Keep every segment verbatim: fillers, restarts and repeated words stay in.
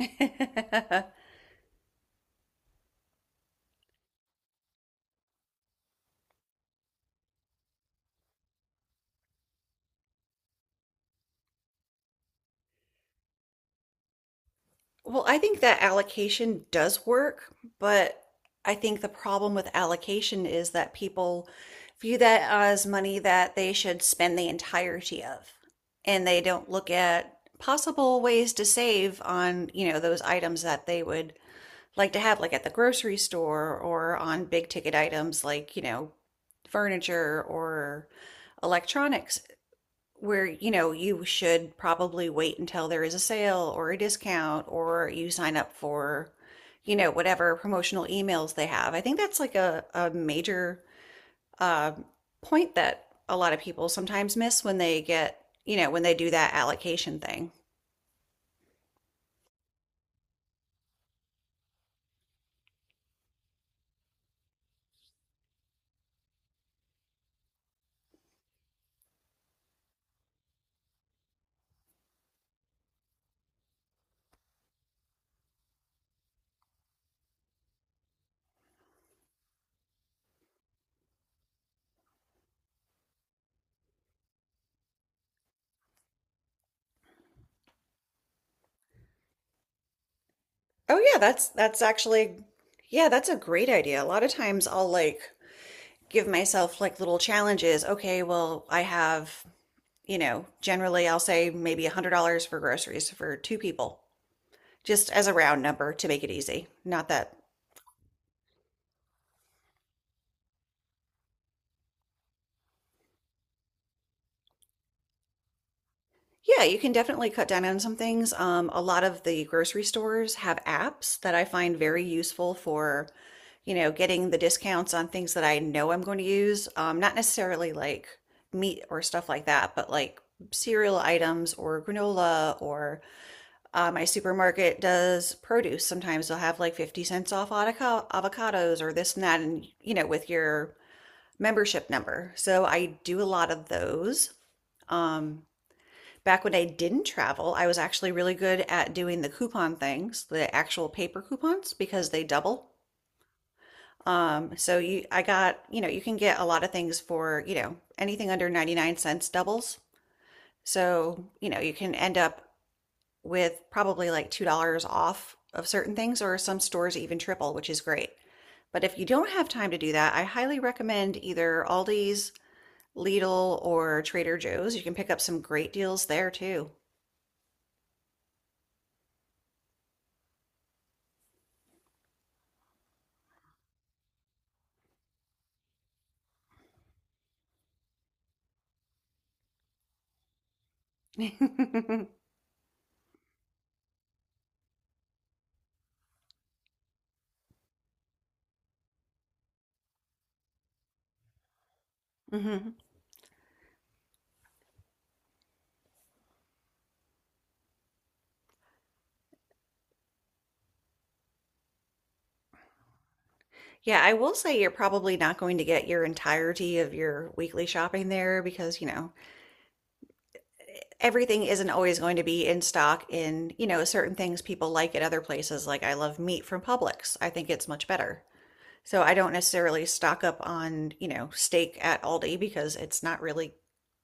Well, I think that allocation does work, but I think the problem with allocation is that people view that as money that they should spend the entirety of, and they don't look at possible ways to save on, you know, those items that they would like to have, like at the grocery store or on big ticket items like, you know, furniture or electronics, where, you know, you should probably wait until there is a sale or a discount or you sign up for, you know, whatever promotional emails they have. I think that's like a, a major uh, point that a lot of people sometimes miss when they get, you know, when they do that allocation thing. Oh yeah, that's that's actually yeah, that's a great idea. A lot of times I'll like give myself like little challenges. Okay, well, I have, you know, generally I'll say maybe one hundred dollars for groceries for two people, just as a round number to make it easy. Not that, yeah, you can definitely cut down on some things. Um, a lot of the grocery stores have apps that I find very useful for, you know, getting the discounts on things that I know I'm going to use. Um, not necessarily like meat or stuff like that, but like cereal items or granola or uh, my supermarket does produce. Sometimes they'll have like fifty cents off avoca- avocados or this and that, and you know, with your membership number. So I do a lot of those. Um, back when I didn't travel, I was actually really good at doing the coupon things, the actual paper coupons, because they double. Um, so you, I got, you know, you can get a lot of things for, you know, anything under ninety-nine cents doubles. So, you know, you can end up with probably like two dollars off of certain things, or some stores even triple, which is great. But if you don't have time to do that, I highly recommend either Aldi's, Lidl, or Trader Joe's. You can pick up some great deals there too. Mhm. Yeah, I will say you're probably not going to get your entirety of your weekly shopping there because, you know, everything isn't always going to be in stock in, you know, certain things people like at other places. Like I love meat from Publix. I think it's much better. So I don't necessarily stock up on, you know, steak at Aldi because it's not really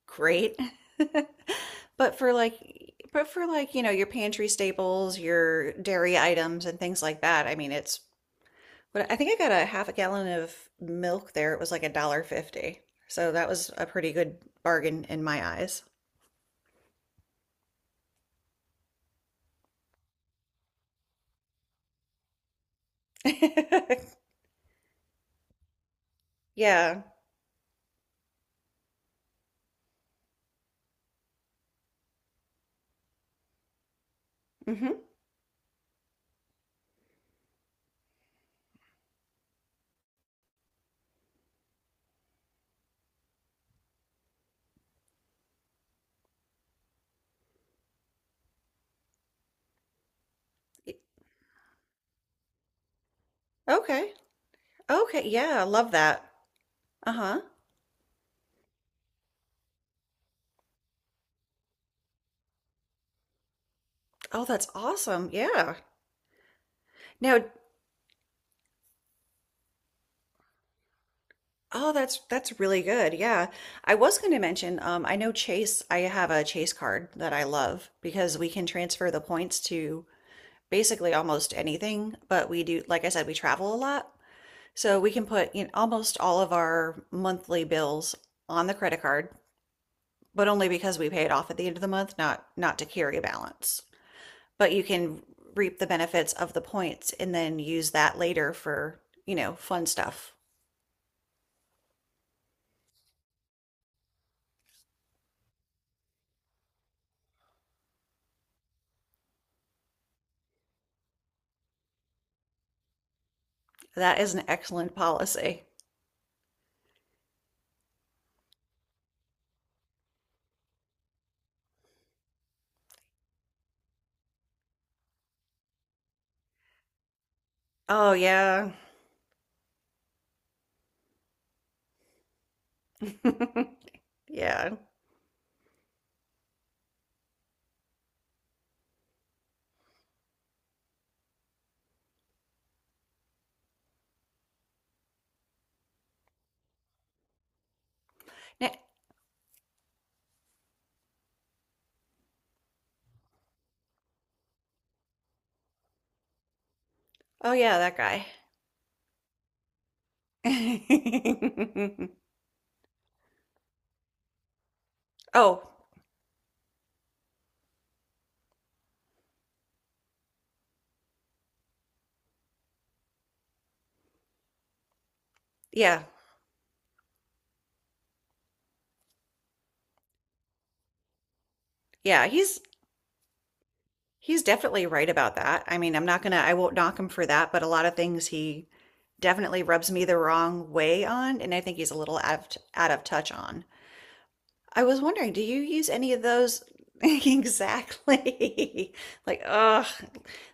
great. But for like but for like, you know, your pantry staples, your dairy items and things like that, I mean, it's but I think I got a half a gallon of milk there. It was like a dollar fifty. So that was a pretty good bargain in my eyes. Yeah. Hmm. Okay. Okay, yeah, I love that. Uh-huh. Oh, that's awesome. Yeah. Now, oh, that's that's really good. Yeah, I was going to mention, um, I know Chase, I have a Chase card that I love because we can transfer the points to basically almost anything, but we do, like I said, we travel a lot. So we can put in almost all of our monthly bills on the credit card, but only because we pay it off at the end of the month, not not to carry a balance. But you can reap the benefits of the points and then use that later for, you know, fun stuff. That is an excellent policy. Oh yeah. Yeah. Oh yeah, that guy. Oh, yeah. Yeah, he's he's definitely right about that. I mean, I'm not gonna I won't knock him for that, but a lot of things he definitely rubs me the wrong way on, and I think he's a little out of out of touch on. I was wondering, do you use any of those? Exactly. Like, ugh.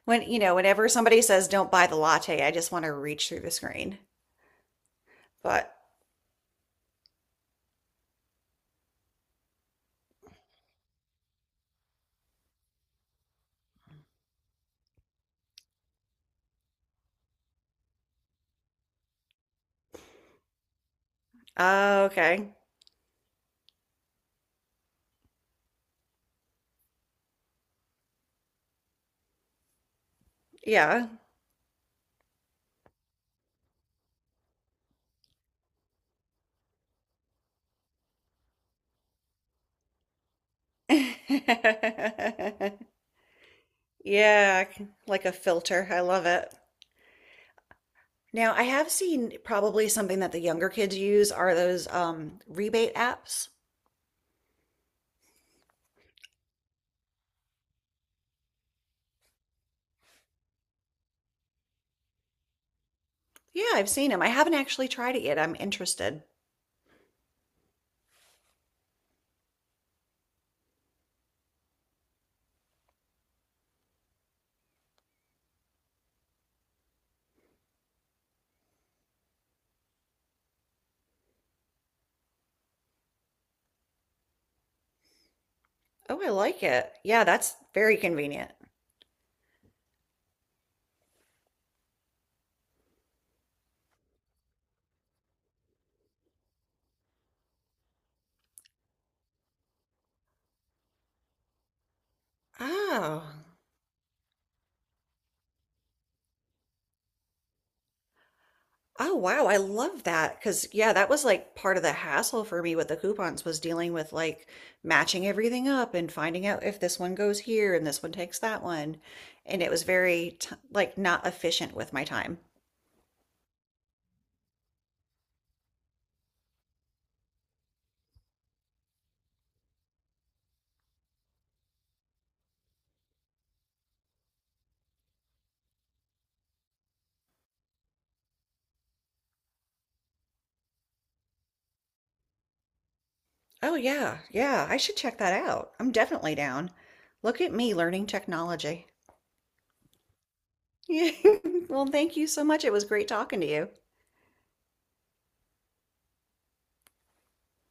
When, you know, whenever somebody says don't buy the latte, I just want to reach through the screen. But, oh, okay. Yeah. Yeah, like a filter. I love it. Now, I have seen probably something that the younger kids use are those um, rebate apps. Yeah, I've seen them. I haven't actually tried it yet. I'm interested. Oh, I like it. Yeah, that's very convenient. Oh. Oh, wow. I love that. 'Cause yeah, that was like part of the hassle for me with the coupons was dealing with like matching everything up and finding out if this one goes here and this one takes that one. And it was very t like not efficient with my time. Oh, yeah. Yeah, I should check that out. I'm definitely down. Look at me learning technology. Well, thank you so much. It was great talking to you.